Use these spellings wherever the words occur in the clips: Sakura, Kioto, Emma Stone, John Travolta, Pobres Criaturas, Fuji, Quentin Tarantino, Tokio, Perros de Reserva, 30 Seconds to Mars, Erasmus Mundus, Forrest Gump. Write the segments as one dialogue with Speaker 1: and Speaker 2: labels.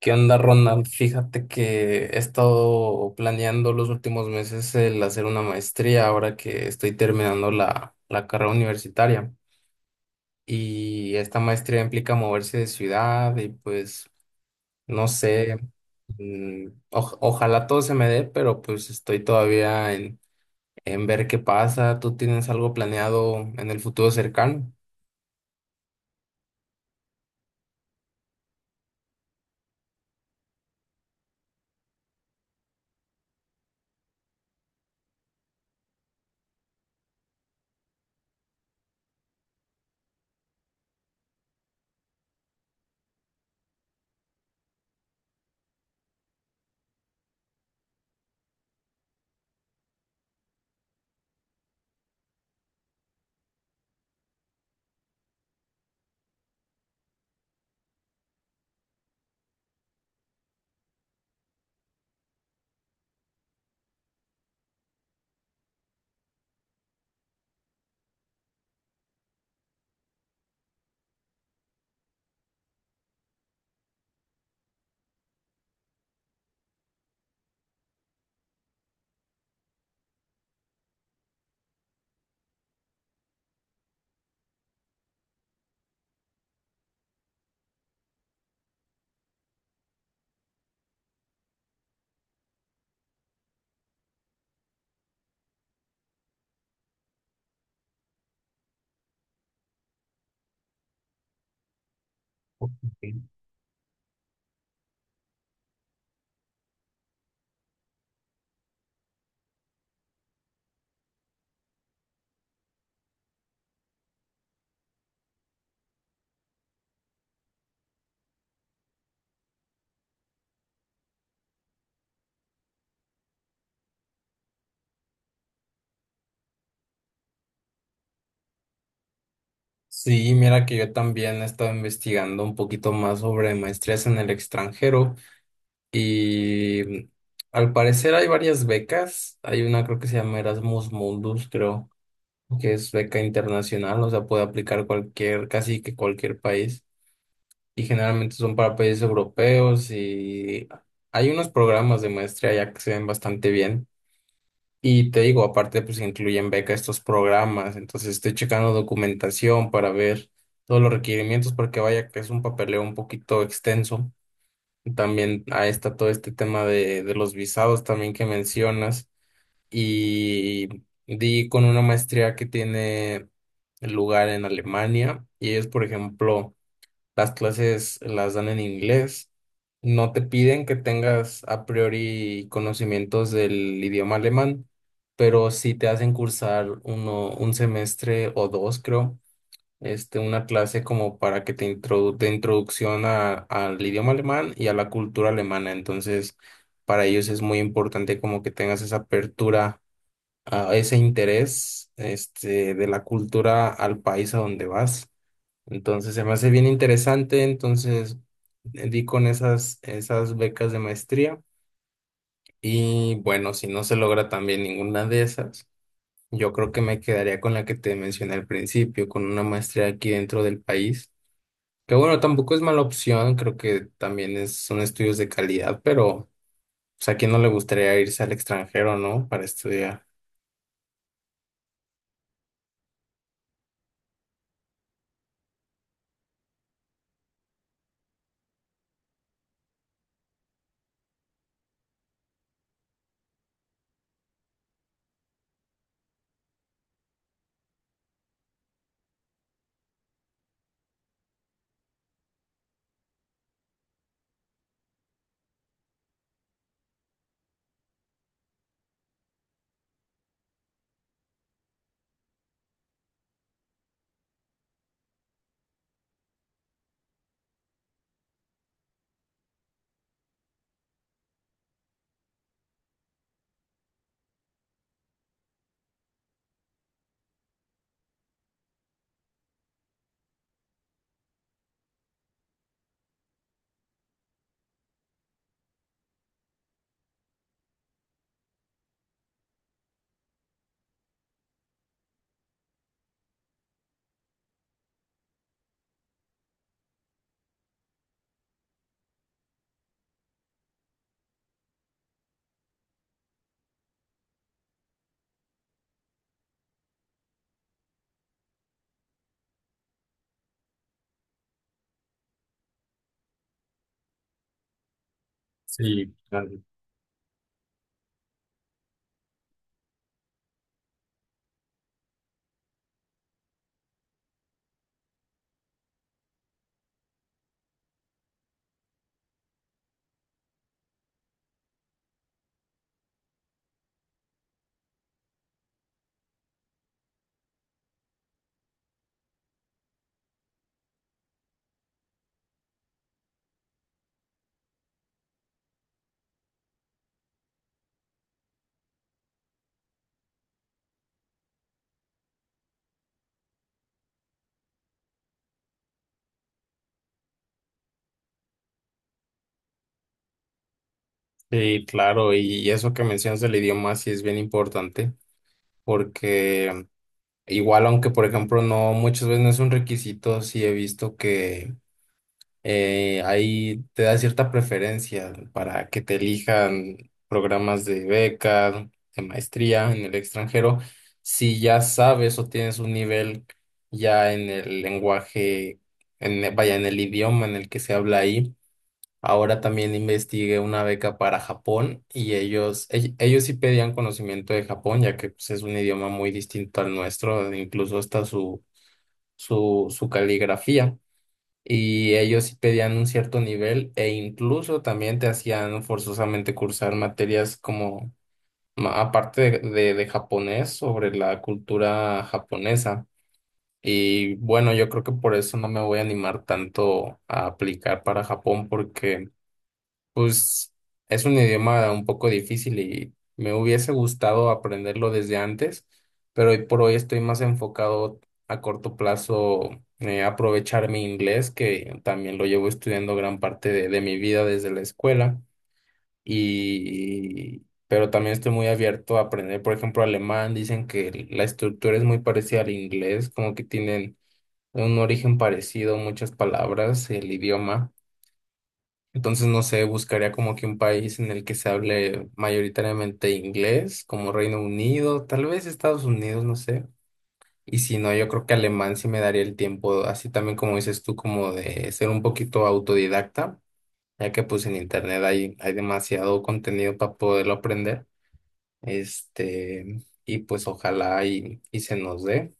Speaker 1: ¿Qué onda, Ronald? Fíjate que he estado planeando los últimos meses el hacer una maestría ahora que estoy terminando la carrera universitaria. Y esta maestría implica moverse de ciudad y pues no sé, mm, ojalá todo se me dé, pero pues estoy todavía en ver qué pasa. ¿Tú tienes algo planeado en el futuro cercano? Ok. Sí, mira que yo también he estado investigando un poquito más sobre maestrías en el extranjero. Y al parecer hay varias becas. Hay una creo que se llama Erasmus Mundus, creo, que es beca internacional, o sea, puede aplicar cualquier, casi que cualquier país. Y generalmente son para países europeos y hay unos programas de maestría ya que se ven bastante bien. Y te digo, aparte pues incluyen beca estos programas, entonces estoy checando documentación para ver todos los requerimientos porque vaya que es un papeleo un poquito extenso. También ahí está todo este tema de los visados también que mencionas. Y di con una maestría que tiene lugar en Alemania y ellos, por ejemplo, las clases las dan en inglés. No te piden que tengas a priori conocimientos del idioma alemán, pero sí te hacen cursar uno, un semestre o dos, creo este, una clase como para que te introdu de introducción al idioma alemán y a la cultura alemana. Entonces, para ellos es muy importante como que tengas esa apertura, a ese interés, este, de la cultura al país a donde vas. Entonces, se me hace bien interesante. Entonces, di con esas becas de maestría. Y bueno, si no se logra también ninguna de esas, yo creo que me quedaría con la que te mencioné al principio, con una maestría aquí dentro del país. Que bueno, tampoco es mala opción, creo que también es, son estudios de calidad, pero pues, a quién no le gustaría irse al extranjero, ¿no? Para estudiar. Sí, claro. Sí, claro, y eso que mencionas del idioma sí es bien importante, porque igual aunque por ejemplo no, muchas veces no es un requisito, sí he visto que ahí te da cierta preferencia para que te elijan programas de beca, de maestría en el extranjero, si ya sabes o tienes un nivel ya en el lenguaje, en, vaya, en el idioma en el que se habla ahí. Ahora también investigué una beca para Japón y ellos, ellos sí pedían conocimiento de Japón, ya que pues, es un idioma muy distinto al nuestro, incluso hasta su caligrafía y ellos sí pedían un cierto nivel e incluso también te hacían forzosamente cursar materias como, aparte de, de japonés, sobre la cultura japonesa. Y bueno, yo creo que por eso no me voy a animar tanto a aplicar para Japón porque... Pues es un idioma un poco difícil y me hubiese gustado aprenderlo desde antes, pero hoy por hoy estoy más enfocado a corto plazo aprovechar mi inglés, que también lo llevo estudiando gran parte de mi vida desde la escuela, y pero también estoy muy abierto a aprender, por ejemplo, alemán. Dicen que la estructura es muy parecida al inglés, como que tienen un origen parecido, muchas palabras, el idioma. Entonces, no sé, buscaría como que un país en el que se hable mayoritariamente inglés, como Reino Unido, tal vez Estados Unidos, no sé. Y si no, yo creo que alemán sí me daría el tiempo, así también como dices tú, como de ser un poquito autodidacta, ya que pues en internet hay demasiado contenido para poderlo aprender. Este, y pues ojalá y se nos dé.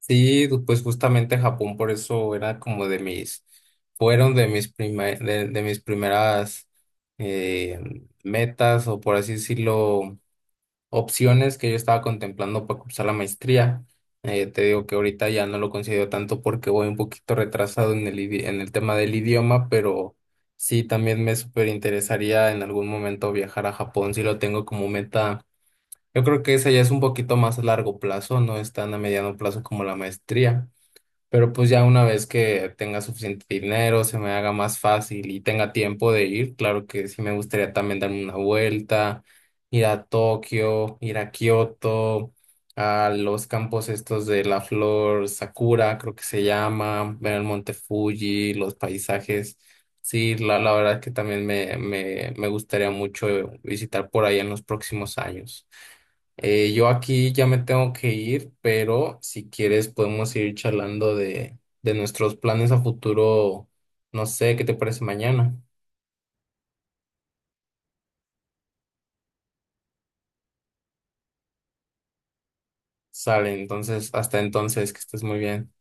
Speaker 1: Sí, pues justamente Japón por eso era como de mis, fueron de mis de mis primeras eh, metas o por así decirlo, opciones que yo estaba contemplando para cursar la maestría. Te digo que ahorita ya no lo considero tanto porque voy un poquito retrasado en en el tema del idioma, pero sí, también me súper interesaría en algún momento viajar a Japón, si lo tengo como meta. Yo creo que esa ya es un poquito más a largo plazo, no es tan a mediano plazo como la maestría. Pero pues ya una vez que tenga suficiente dinero, se me haga más fácil y tenga tiempo de ir, claro que sí me gustaría también darme una vuelta, ir a Tokio, ir a Kioto, a los campos estos de la flor Sakura, creo que se llama, ver el monte Fuji, los paisajes. Sí, la verdad que también me gustaría mucho visitar por ahí en los próximos años. Yo aquí ya me tengo que ir, pero si quieres podemos ir charlando de nuestros planes a futuro. No sé, ¿qué te parece mañana? Sale, entonces, hasta entonces, que estés muy bien.